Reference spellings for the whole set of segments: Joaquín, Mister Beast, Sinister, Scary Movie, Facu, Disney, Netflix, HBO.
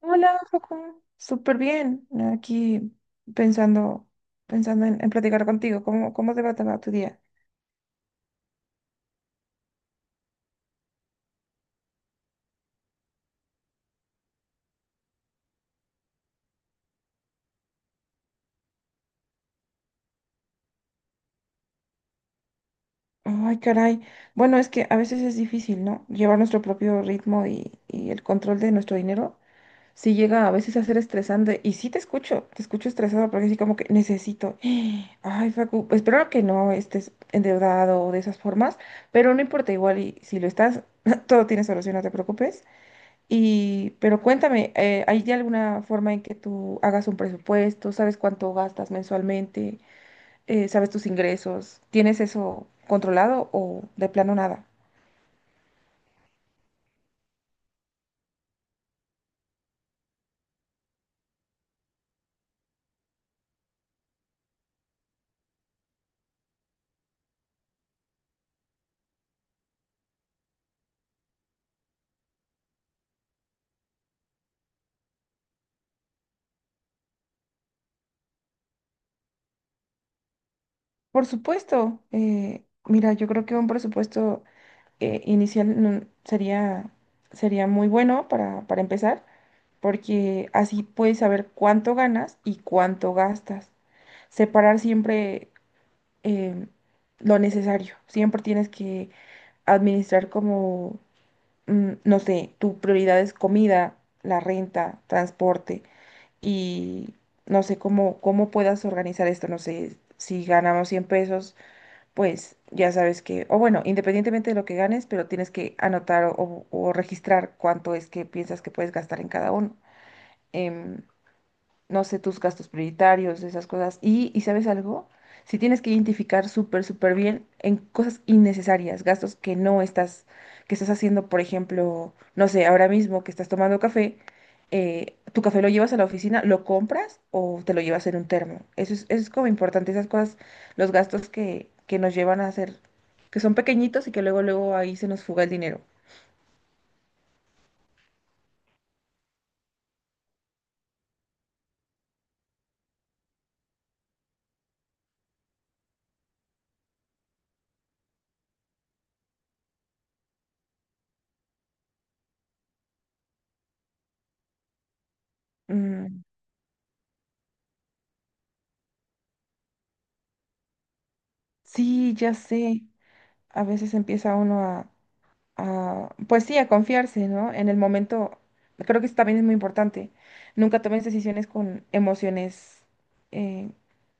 Hola, Joaquín. Súper bien. Aquí pensando, pensando en platicar contigo. ¿Cómo te va tu día? Ay, caray. Bueno, es que a veces es difícil, ¿no? Llevar nuestro propio ritmo y el control de nuestro dinero. Sí llega a veces a ser estresante. Y sí te escucho estresado porque así como que necesito. Ay, Facu, espero que no estés endeudado o de esas formas, pero no importa, igual y si lo estás, todo tiene solución, no te preocupes. Pero cuéntame, ¿hay de alguna forma en que tú hagas un presupuesto? ¿Sabes cuánto gastas mensualmente? ¿Sabes tus ingresos? ¿Tienes eso controlado o de plano nada? Por supuesto, mira, yo creo que un presupuesto inicial no- sería, sería muy bueno para empezar, porque así puedes saber cuánto ganas y cuánto gastas. Separar siempre eh, lo necesario. Siempre tienes que administrar como, no sé, tu prioridad es comida, la renta, transporte y no sé cómo puedas organizar esto. No sé, si ganamos 100 pesos, pues ya sabes que, o bueno, independientemente de lo que ganes, pero tienes que anotar o registrar cuánto es que piensas que puedes gastar en cada uno. Em, no sé, tus gastos prioritarios, esas cosas. ¿Y sabes algo? Si tienes que identificar súper, súper bien en cosas innecesarias, gastos que estás haciendo, por ejemplo, no sé, ahora mismo que estás tomando café, tu café lo llevas a la oficina, lo compras o te lo llevas en un termo. Eso es como importante, esas cosas, los gastos que nos llevan a hacer, que son pequeñitos y que luego, luego ahí se nos fuga el dinero. Mm, sí, ya sé. A veces empieza uno pues sí, a confiarse, ¿no? En el momento, creo que eso también es muy importante. Nunca tomes decisiones con emociones eh,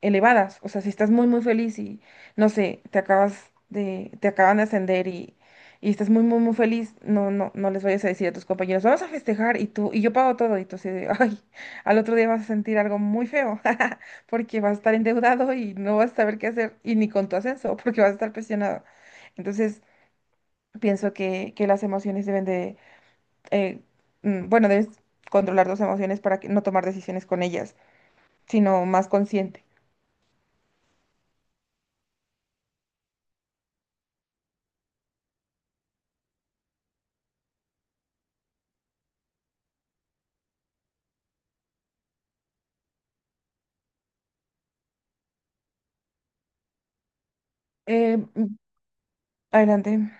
elevadas. O sea, si estás muy, muy feliz y, no sé, te acaban de ascender y estás muy, muy, muy feliz, no, no, no les vayas a decir a tus compañeros, vamos a festejar y tú, y yo pago todo, y tú así de, ay, al otro día vas a sentir algo muy feo, porque vas a estar endeudado y no vas a saber qué hacer, y ni con tu ascenso, porque vas a estar presionado. Entonces, pienso que las emociones eh, bueno, debes controlar tus emociones para que no tomar decisiones con ellas, sino más consciente. Mm, adelante.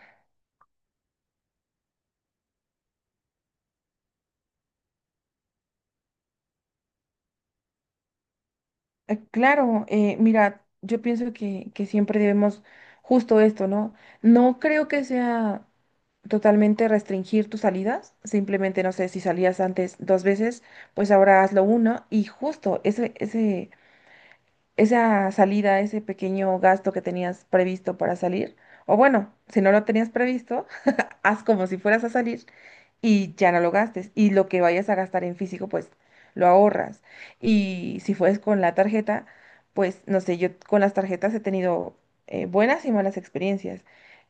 Claro, mira, yo pienso que siempre debemos justo esto, ¿no? No creo que sea totalmente restringir tus salidas, simplemente, no sé, si salías antes dos veces, pues ahora hazlo una y justo ese, ese esa salida, ese pequeño gasto que tenías previsto para salir, o bueno, si no lo tenías previsto, haz como si fueras a salir y ya no lo gastes. Y lo que vayas a gastar en físico, pues lo ahorras. Y si fues con la tarjeta, pues no sé, yo con las tarjetas he tenido buenas y malas experiencias.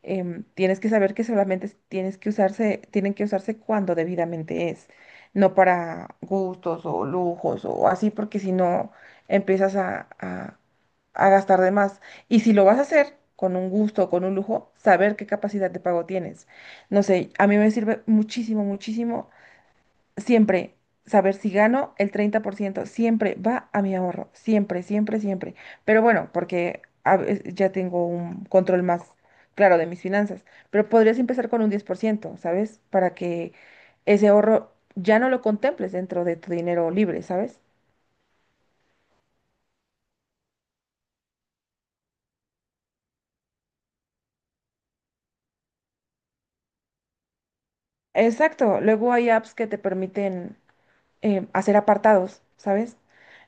Tienes que saber que solamente tienen que usarse cuando debidamente es, no para gustos o lujos o así, porque si no empiezas a gastar de más. Y si lo vas a hacer con un gusto o con un lujo, saber qué capacidad de pago tienes. No sé, a mí me sirve muchísimo, muchísimo siempre saber si gano el 30% siempre va a mi ahorro, siempre, siempre, siempre. Pero bueno, porque ya tengo un control más claro de mis finanzas, pero podrías empezar con un 10%, ¿sabes? Para que ese ahorro ya no lo contemples dentro de tu dinero libre, ¿sabes? Exacto, luego hay apps que te permiten hacer apartados, ¿sabes?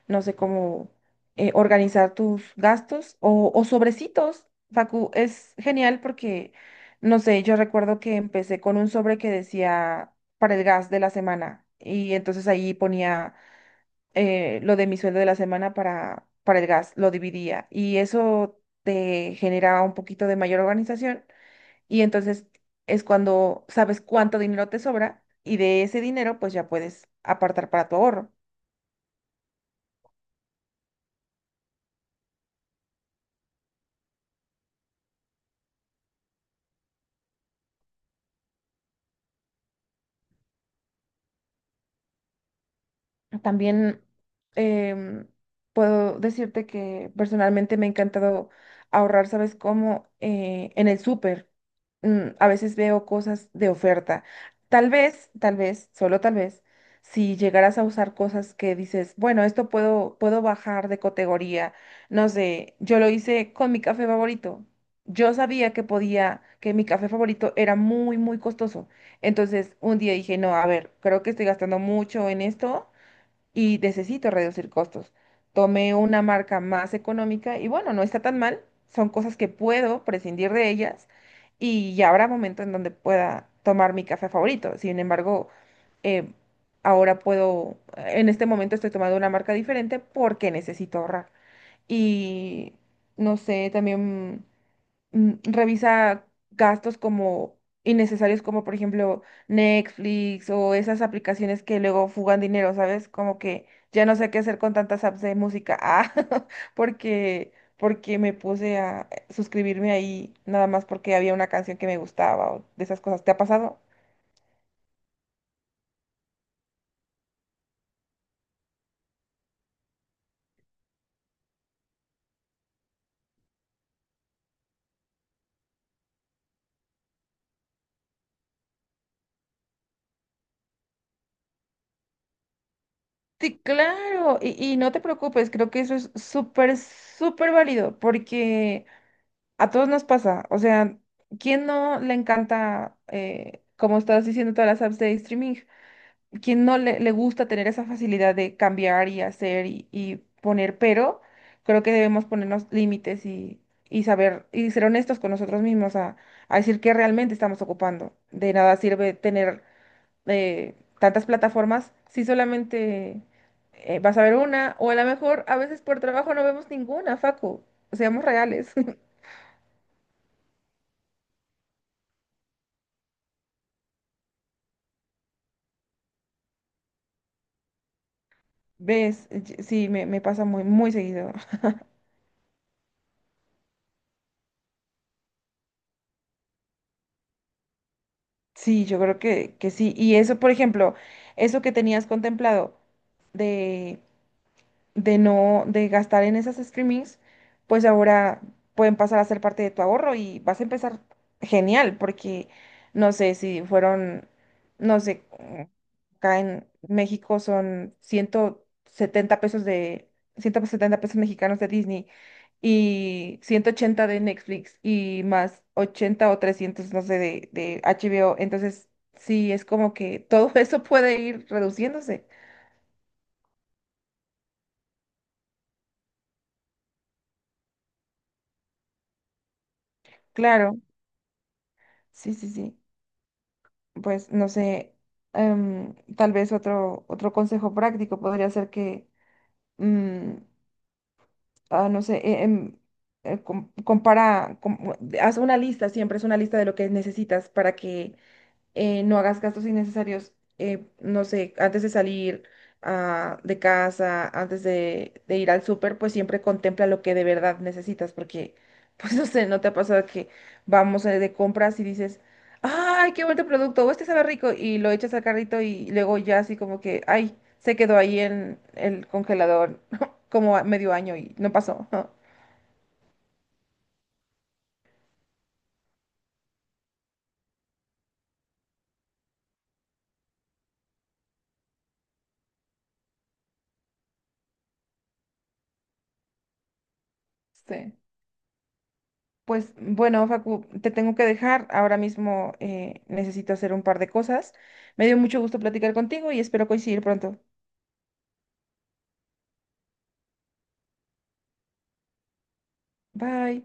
No sé cómo organizar tus gastos o sobrecitos. Facu, es genial porque, no sé, yo recuerdo que empecé con un sobre que decía para el gas de la semana y entonces ahí ponía lo de mi sueldo de la semana para el gas, lo dividía y eso te generaba un poquito de mayor organización y entonces es cuando sabes cuánto dinero te sobra y de ese dinero pues ya puedes apartar para tu ahorro. También em, puedo decirte que personalmente me ha encantado ahorrar, ¿sabes cómo? En el súper. A veces veo cosas de oferta. Tal vez, solo tal vez, si llegaras a usar cosas que dices, bueno, esto puedo bajar de categoría. No sé, yo lo hice con mi café favorito. Yo sabía que mi café favorito era muy, muy costoso. Entonces, un día dije, no, a ver, creo que estoy gastando mucho en esto y necesito reducir costos. Tomé una marca más económica y bueno, no está tan mal. Son cosas que puedo prescindir de ellas y ya habrá momento en donde pueda tomar mi café favorito. Sin embargo, eh, en este momento estoy tomando una marca diferente porque necesito ahorrar. Y no sé, también revisa gastos como innecesarios, como por ejemplo Netflix o esas aplicaciones que luego fugan dinero, ¿sabes? Como que ya no sé qué hacer con tantas apps de música. Ah, porque, porque me puse a suscribirme ahí nada más porque había una canción que me gustaba o de esas cosas. ¿Te ha pasado? Sí, claro, y no te preocupes, creo que eso es súper, súper válido, porque a todos nos pasa, o sea, ¿quién no le encanta, como estás diciendo, todas las apps de streaming? ¿Quién no le gusta tener esa facilidad de cambiar y hacer y poner? Pero creo que debemos ponernos límites y saber y ser honestos con nosotros mismos a decir qué realmente estamos ocupando. De nada sirve tener eh, tantas plataformas si solamente vas a ver una o a lo mejor a veces por trabajo no vemos ninguna, Facu. Seamos reales. ¿Ves? Sí, me pasa muy, muy seguido. Sí, yo creo que sí. Y eso, por ejemplo, eso que tenías contemplado de... de no, de gastar en esas streamings, pues ahora pueden pasar a ser parte de tu ahorro y vas a empezar genial, porque no sé si fueron, no sé, acá en México son 170 pesos mexicanos de Disney y 180 de Netflix y más 80 o 300 no sé, de HBO. Entonces, sí, es como que todo eso puede ir reduciéndose. Claro, sí, sí, sí. Pues no sé, tal vez otro consejo práctico podría ser que, mm, no sé, eh, com- compara, com- haz una lista, siempre es una lista de lo que necesitas para que no hagas gastos innecesarios, no sé, antes de salir de casa, antes de ir al súper, pues siempre contempla lo que de verdad necesitas, porque, pues no sé, ¿no te ha pasado que vamos de compras y dices, ay, qué bonito producto, o este sabe rico, y lo echas al carrito y luego ya así como que, ay, se quedó ahí en el congelador como a medio año y no pasó. Sí. Pues bueno, Facu, te tengo que dejar. Ahora mismo necesito hacer un par de cosas. Me dio mucho gusto platicar contigo y espero coincidir pronto. Bye.